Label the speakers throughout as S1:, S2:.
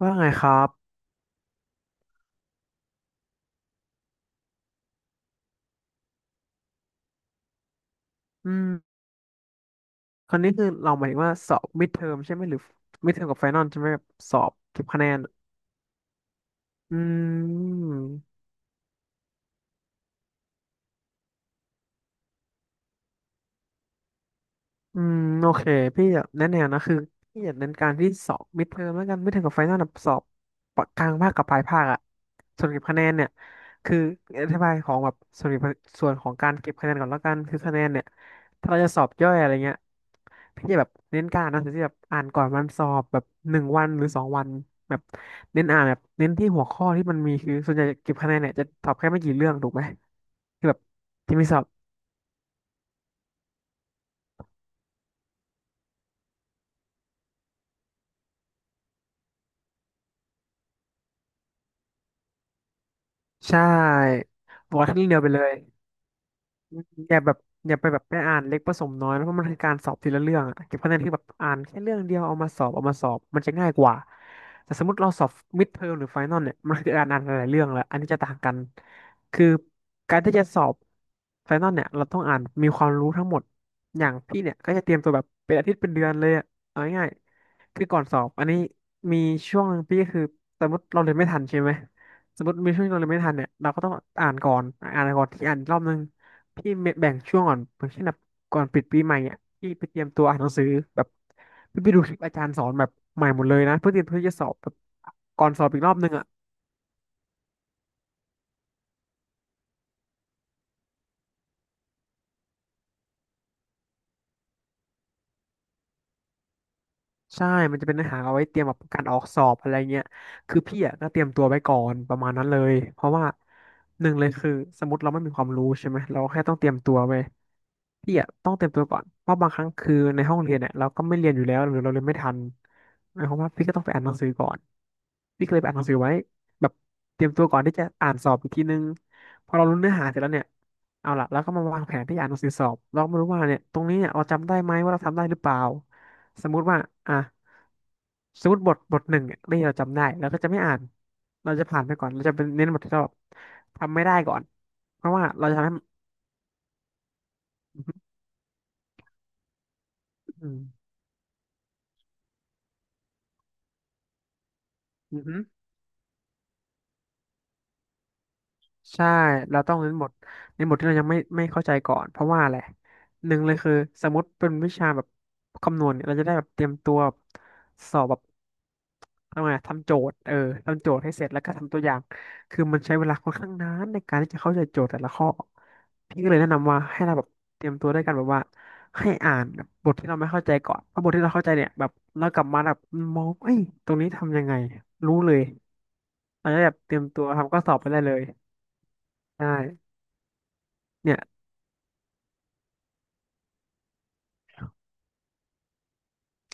S1: ว่าไงครับ อืมคนนี้คือเราหมายถึงว่าสอบมิดเทอมใช่ไหมหรือมิดเทอมกับไฟนอลใช่ไหมแบบสอบเก็บคะแนน อืม อืมโอเคพี่อยากแนะแนวนะคือพี่อยากเน้นการที่สอบมิดเทอมแล้วกันมิดเทอมกับไฟนอลแบสอบกลางภาคกับปลายภาคอะส่วนเก็บคะแนนเนี่ยคืออธิบายของแบบส่วนของการเก็บคะแนนก่อนแล้วกันคือคะแนนเนี่ยถ้าเราจะสอบย่อยอะไรเงี้ยพี่จะแบบเน้นการอ่านหนังสือที่แบบอ่านก่อนวันสอบแบบหนึ่งวันหรือสองวันแบบเน้นอ่านแบบเน้นที่หัวข้อที่มันมีคือส่วนใหญ่เก็บคะแนนเนี่ยจะตอบแค่ไม่กี่เรื่องถูกไหมที่แบบที่มีสอบใช่บอกว่าแค่เรื่องเดียวไปเลย อย่าแบบอย่าไปแบบไปอ่านเล็กผสมน้อยนะเพราะมันคือการสอบทีละเรื่องอะเก็บคะแนนคือแบบอ่านแค่เรื่องเดียวเอามาสอบมันจะง่ายกว่าแต่สมมติเราสอบมิดเทอมหรือไฟนอลเนี่ยมันคือการอ่านหลายๆเรื่องแล้วอันนี้จะต่างกันคือการที่จะสอบไฟนอลเนี่ยเราต้องอ่านมีความรู้ทั้งหมดอย่างพี่เนี่ยก็จะเตรียมตัวแบบเป็นอาทิตย์เป็นเดือนเลยอะเอาง่ายๆคือก่อนสอบอันนี้มีช่วงหนึ่งพี่ก็คือสมมติเราเรียนไม่ทันใช่ไหมสมมติมีช่วงที่เราเรียนไม่ทันเนี่ยเราก็ต้องอ่านก่อนอ่านก่อนที่อ่านอีกรอบนึง พี่แบ่งช่วงก่อนอย่างเช่นแบบก่อนปิดปีใหม่อ่ะพี่ไปเตรียมตัวอ่านหนังสือแบบพี่ไปดูคลิปอาจารย์สอนแบบใหม่หมดเลยนะเพื่อเตรียมเพื่อจะสอบแบบก่อนสอบอีกรอบนึงอ่ะใช่มันจะเป็นเนื้อหาเอาไว้เตรียมแบบการออกสอบอะไรเงี้ยคือพี่อ่ะก็เตรียมตัวไว้ก่อนประมาณนั้นเลยเพราะว่าหนึ่งเลยคือสมมติเราไม่มีความรู้ใช่ไหมเราแค่ต้องเตรียมตัวไปพี่อ่ะต้องเตรียมตัวก่อนเพราะบางครั้งคือในห้องเรียนเนี่ยเราก็ไม่เรียนอยู่แล้วหรือเราเรียนไม่ทันหมายความว่าพี่ก็ต้องไปอ่านหนังสือก่อน พี่ก็เลยไปอ่านหนังสือไว้แบบเตรียมตัวก่อนที่จะอ่านสอบอีกทีนึงพอเรารู้เนื้อหาเสร็จแล้วเนี่ยเอาล่ะเราก็มาวางแผนที่จะอ่านหนังสือสอบเราก็ไม่รู้ว่าเนี่ยตรงนี้เนี่ยเราจำได้ไหมว่าเราทำได้หรือเปล่าสมมุติว่าอ่ะสมมติบทหนึ่งเนี่ยที่เราจำได้เราก็จะไม่อ่านเราจะผ่านไปก่อนเราจะเป็นเน้นบทที่เราแบบทำไม่ได้ก่อนเพราะว่าเราจะทำให้อืมอืม ใช่เราต้องเน้นบทในบทที่เรายังไม่เข้าใจก่อนเพราะว่าอะไรหนึ่งเลยคือสมมติเป็นวิชาแบบคำนวณเนี่ยเราจะได้แบบเตรียมตัวสอบแบบทำไงทำโจทย์ทำโจทย์ให้เสร็จแล้วก็ทำตัวอย่างคือมันใช้เวลาค่อนข้างนานในการที่จะเข้าใจโจทย์แต่ละข้อพี่ก็เลยแนะนำว่าให้เราแบบเตรียมตัวด้วยกันแบบว่าให้อ่านแบบบทที่เราไม่เข้าใจก่อนเพราะบทที่เราเข้าใจเนี่ยแบบเรากลับมาแบบมองเอ้ยตรงนี้ทำยังไงรู้เลยเราจะได้แบบเตรียมตัวทำข้อสอบไปได้เลยใช่ เนี่ย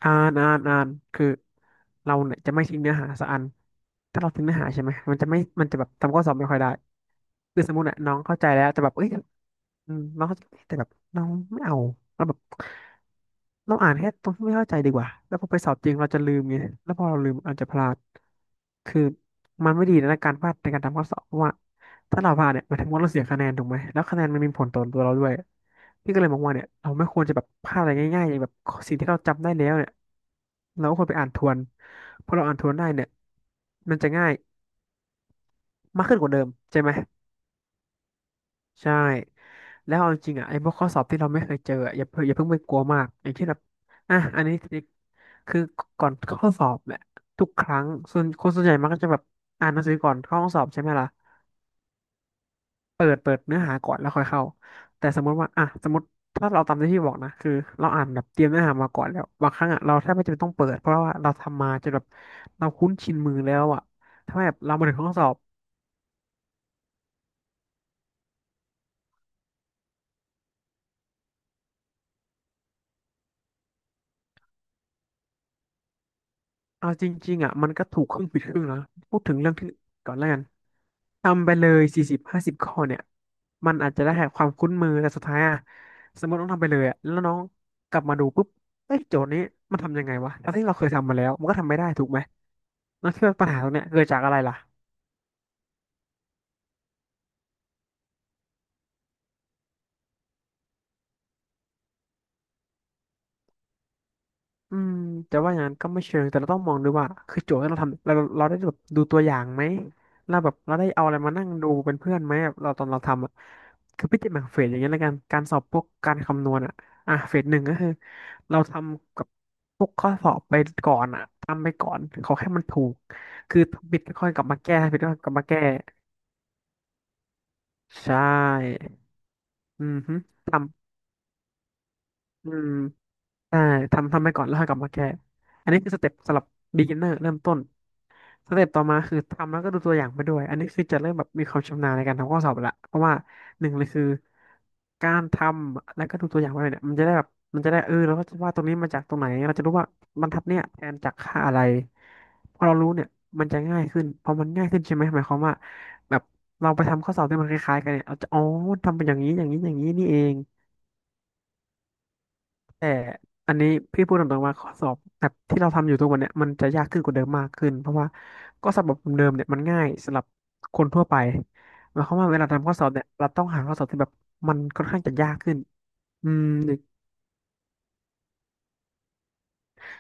S1: อ่านอ่านอ่านคือเราเนี่ยจะไม่ทิ้งเนื้อหาสักอันถ้าเราทิ้งเนื้อหาใช่ไหมมันจะแบบทำข้อสอบไม่ค่อยได้คือสมมติเนี่ยน้องเข้าใจแล้วแต่แบบเอ้ยอืมน้องเข้าใจแต่แบบน้องไม่เอาแล้วแบบเราอ่านแค่ตรงที่ไม่เข้าใจดีกว่าแล้วพอไปสอบจริงเราจะลืมไงแล้วพอเราลืมอาจจะพลาดคือมันไม่ดีนะการพลาดในการทำข้อสอบเพราะว่าถ้าเราพลาดเนี่ยหมายถึงว่าเราเสียคะแนนถูกไหมแล้วคะแนนมันมีผลต่อตัวเราด้วย พี่ก็เลยมองว่าเนี่ยเราไม่ควรจะแบบพลาดอะไรง่ายๆอย่างแบบสิ่งที่เราจำได้แล้วเนี่ยเราก็ควรไปอ่านทวนเพราะเราอ่านทวนได้เนี่ยมันจะง่ายมากขึ้นกว่าเดิมใช่ไหมใช่แล้วเอาจริงๆอ่ะไอ้พวกข้อสอบที่เราไม่เคยเจออะอย่าเพิ่งไปกลัวมากอย่างเช่นแบบอ่ะอันนี้คือก่อนเข้าสอบเนี่ยทุกครั้งส่วนคนส่วนใหญ่มักก็จะแบบอ่านหนังสือก่อนเข้าห้องสอบใช่ไหมล่ะ เปิดเนื้อหาก่อนแล้วค่อยเข้าแต่สมมติว่าอ่ะสมมติถ้าเราตามที่พี่บอกนะคือเราอ่านแบบเตรียมเนื้อหามาก่อนแล้วบางครั้งอ่ะเราแทบไม่จำเป็นต้องเปิดเพราะว่าเราทำมาจนแบบเราคุ้นชินมือแล้วอ่ะถ้าแบบเรามาถึงห้องสอบเอาจริงๆอ่ะมันก็ถูกครึ่งผิดครึ่งนะพูดถึงเรื่องที่ก่อนแล้วกันทำไปเลยสี่สิบห้าสิบข้อเนี่ยมันอาจจะได้แค่ความคุ้นมือแต่สุดท้ายอ่ะสมมติน้องทำไปเลยอ่ะแล้วน้องกลับมาดูปุ๊บเอ้ยโจทย์นี้มันทำยังไงวะทั้งที่เราเคยทำมาแล้วมันก็ทำไม่ได้ถูกไหม แล้วคิดว่าปัญหาตรงเนี้ยเกิดจากอะไรล่ะอืมจะว่าอย่างนั้นก็ไม่เชิงแต่เราต้องมองด้วยว่าคือโจทย์ที่เราทำเราได้แบบดูตัวอย่างไหมเราแบบเราได้เอาอะไรมานั่งดูเป็นเพื่อนไหมแบบเราตอนเราทำอะคือพิจิตรแบ่งเฟสอย่างเงี้ยแล้วกันการสอบพวกการคำนวณอ่ะอ่ะเฟสหนึ่งก็คือเราทำกับพวกข้อสอบไปก่อนอ่ะทำไปก่อนขอแค่มันถูกคือผิดก็ค่อยกลับมาแก้ผิดก็ค่อยกลับมาแก้ใช่อือฮึทำอืม ใช่ทำไปก่อนแล้วค่อยกลับมาแก้อันนี้คือสเต็ปสำหรับ beginner เริ่มต้นสเต็ปต่อมาคือทำแล้วก็ดูตัวอย่างไปด้วยอันนี้คือจะเริ่มแบบมีความชำนาญในการทำข้อสอบละเพราะว่าหนึ่งเลยคือการทำแล้วก็ดูตัวอย่างไปเนี่ยมันจะได้แบบมันจะได้เออเราก็จะว่าตรงนี้มาจากตรงไหนเราจะรู้ว่าบรรทัดเนี่ยแทนจากค่าอะไรพอเรารู้เนี่ยมันจะง่ายขึ้นพอมันง่ายขึ้นใช่ไหมหมายความว่าแบบเราไปทำข้อสอบที่มันคล้ายๆกันเนี่ยเราจะอ๋อทำเป็นอย่างนี้อย่างนี้อย่างนี้นี่เอง แต่อันนี้พี่พูดตรงๆว่าข้อสอบแบบที่เราทำอยู่ทุกวันเนี่ยมันจะยากขึ้นกว่าเดิมมากขึ้นเพราะว่าก็สอบแบบเดิมเนี่ยมันง่ายสำหรับคนทั่วไปหมายความว่าเวลาทำข้อสอบเนี่ยเราต้องหาข้อสอบที่แบบมันค่อนข้างจะยากขึ้นอืม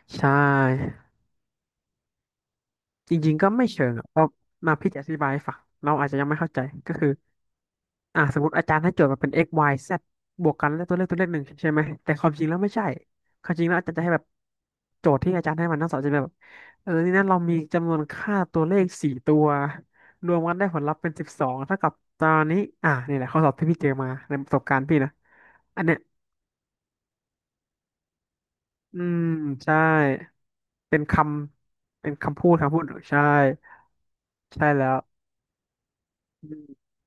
S1: ใช่จริงๆก็ไม่เชิงอะเพราะมาพี่จะอธิบายให้ฟังเราอาจจะยังไม่เข้าใจก็คือ อ่ะสมมติอาจารย์ให้โจทย์มาเป็น x y z บวกกันแล้วตัวเลขหนึ่งใช่ไหมแต่ความจริงแล้วไม่ใช่ความจริงแล้วอาจารย์จะให้แบบโจทย์ที่อาจารย์ให้มันทั้งสองจะเป็นแบบเออนี่นะเรามีจำนวนค่าตัวเลขสี่ตัวรวมกันได้ผลลัพธ์เป็นสิบสองเท่ากับตอนนี้อ่ะนี่แหละข้อสอบที่พี่เจอมาในประสบการณ์พี่นะอันเนี้ยอืมใช่เป็นคำเป็นคำพูดใช่ใช่แล้ว อืม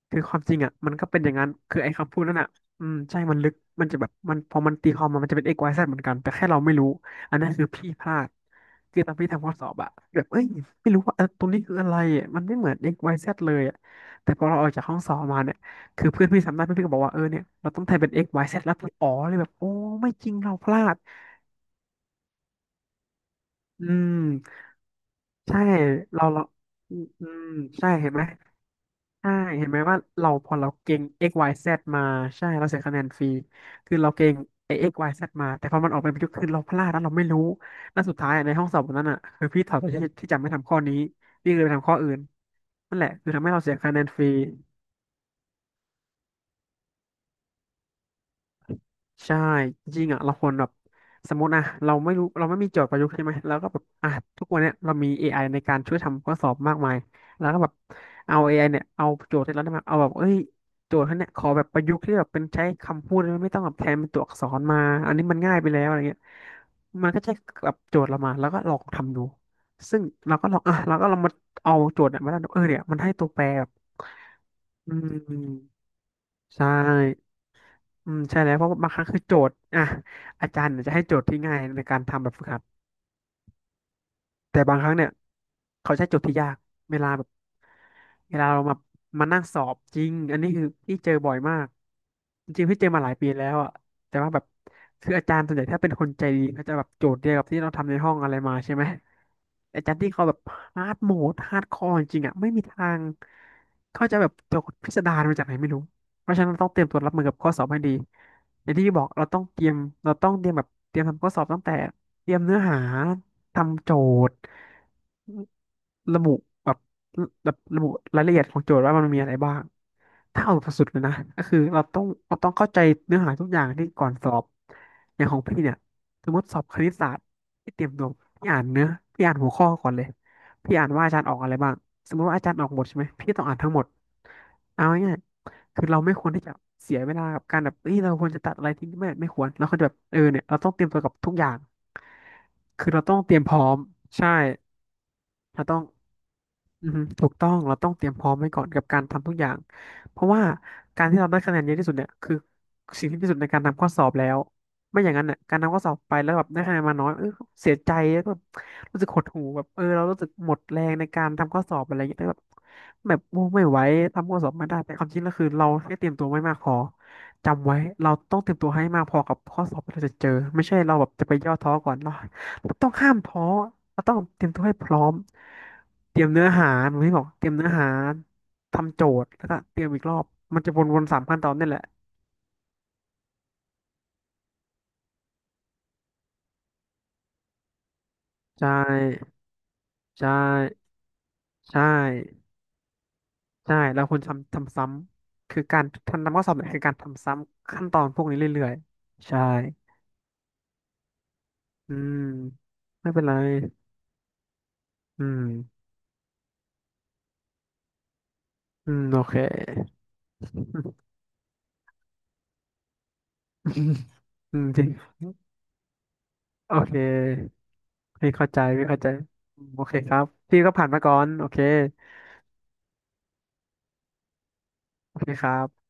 S1: คือความจริงอ่ะมันก็เป็นอย่างนั้นคือไอ้คำพูดนั่นอ่ะอืมใช่มันลึกมันจะแบบมันพอมันตีความมามันจะเป็น x y z เหมือนกันแต่แค่เราไม่รู้อันนั้นคือพี่พลาดคือตอนพี่ทำข้อสอบอะแบบเอ้ยไม่รู้ว่าตรงนี้คืออะไรอะมันไม่เหมือน x y z เลยอะแต่พอเราออกจากห้องสอบมาเนี่ยคือเพื่อนพี่ทำได้เพื่อนพี่ก็บอกว่าเออเนี่ยเราต้องแทนเป็น x y z แล้วพี่อ๋อเลยแบบโอ้ไม่จริงเราพลาดอืมใช่เราอืมอืมใช่เห็นไหม ใช่เห็นไหมว่าเราพอเราเก่ง x y z มาใช่เราเสียคะแนนฟรีคือเราเก่งไอ้ x y z มาแต่พอมันออกเป็นประยุกต์คือเราพลาดแล้วเราไม่รู้แล้วสุดท้ายอะในห้องสอบวันนั้นอ่ะคือพี่ถอดตัวที่จำไม่ทำข้อนี้พี่เลยไปทำข้ออื่นนั่นแหละคือทำให้เราเสียคะแนนฟรี ใช่จริงๆอ่ะเราควรแบบสมมติอ่ะเราไม่รู้เราไม่มีโจทย์ประยุกต์ใช่ไหมเราก็แบบอ่ะทุกวันเนี้ยเรามี AI ในการช่วยทำข้อสอบมากมายแล้วก็แบบเอาเอไอเนี่ยเอาโจทย์ที่เราได้มาเอาแบบเอ้ยโจทย์ท่านเนี่ยขอแบบประยุกต์ที่แบบเป็นใช้คำพูดไม่ต้องแบบแทนเป็นตัวอักษรมาอันนี้มันง่ายไปแล้วอะไรเงี้ยมันก็จะแบบโจทย์เรามาแล้วก็ลองทำดูซึ่งเราก็ลองอ่ะเราก็ลองมาเอาโจทย์เนี่ยมาแล้วเออเนี่ยมันให้ตัวแปรแบบอืมใช่ อืมใช่แล้วเพราะบางครั้งคือโจทย์อ่ะอาจารย์เนี่ยจะให้โจทย์ที่ง่ายในการทำแบบฝึกหัด แต่บางครั้งเนี่ยเขาใช้โจทย์ที่ยากเวลาแบบเวลาเรามามานั่งสอบจริงอันนี้คือพี่เจอบ่อยมากจริงๆพี่เจอมาหลายปีแล้วอ่ะแต่ว่าแบบคืออาจารย์ส่วนใหญ่ถ้าเป็นคนใจดีเขาจะแบบโจทย์เดียวกับที่เราทำในห้องอะไรมาใช่ไหมอาจารย์ที่เขาแบบฮาร์ดโหมดฮาร์ดคอร์จริงๆอ่ะไม่มีทางเขาจะแบบโจทย์พิสดารมาจากไหนไม่รู้เพราะฉะนั้นเราต้องเตรียมตัวรับมือกับข้อสอบให้ดีอย่างที่พี่บอกเราต้องเตรียมเราต้องเตรียมแบบเตรียมทำข้อสอบตั้งแต่เตรียมเนื้อหา ทำโจทย์ ระบุแบบแบบระบุรายละเอียดของโจทย์ว่ามันมีอะไรบ้างถ้าเอาแบบสุดๆเลยนะก็คือเราต้องเข้าใจเนื้อหาทุกอย่างที่ก่อนสอบอย่างของพี่เนี่ยสมมติสอบคณิตศาสตร์พี่เตรียมตัวพี่อ่านเนื้อพี่อ่านหัวข้อก่อนเลยพี่อ่านว่าอาจารย์ออกอะไรบ้างสมมติว่าอาจารย์ออกบทใช่ไหมพี่ต้องอ่านทั้งหมดเอาง่ายๆคือเราไม่ควรที่จะเสียเวลากับการแบบเอ้ยเราควรจะตัดอะไรทิ้งไม่ควรเราควรจะแบบเออเนี่ยเราต้องเตรียมตัวกับทุกอย่างคือเราต้องเตรียมพร้อมใช่เราต้อง อือฮึถูกต้องเราต้องเตรียมพร้อมไว้ก่อนกับการทำทุกอย่างเพราะว่าการที่เราได้คะแนนเยอะที่สุดเนี่ยคือสิ่งที่ดีที่สุดในการทำข้อสอบแล้วไม่อย่างนั้นเนี่ยการทำข้อสอบไปแล้วแบบได้คะแนนมาน้อยเออเสียใจแล้วก็รู้สึกหดหู่แบบเออเรารู้สึกหมดแรงในการทำข้อสอบอะไรอย่างเงี้ยแล้วแบบโอ้ไม่ไหวทำข้อสอบไม่ได้แต่ความจริงแล้วคือเราแค่เตรียมตัวไม่มากพอจำไว้เราต้องเตรียมตัวให้มากพอกับข้อสอบที่เราจะเจอไม่ใช่เราแบบจะไปย่อท้อก่อนเรา ต้องห้ามท้อเราต้องเตรียมตัวให้พร้อม เตรียมเนื้อหาเหมือนที่บอกเตรียมเนื้อหาทำโจทย์แล้วก็เตรียมอีกรอบ มันจะวนๆสามขั้นตอนนี่แหละใช่ใช่ ใช่ ใช่แล้วคุณทำซ้ำคือการทำข้อสอบเนี่ยคือการทำซ้ำขั้นตอนพวกนี้เรื่อยๆใช่อืมไม่เป็นไรอืมอืมโอเค อืมจริงโอเคพี่เข้าใจพี่เข้าใจ โอเคครับพี่ก็ผ่านมาก่อนโอเค โอเคครับ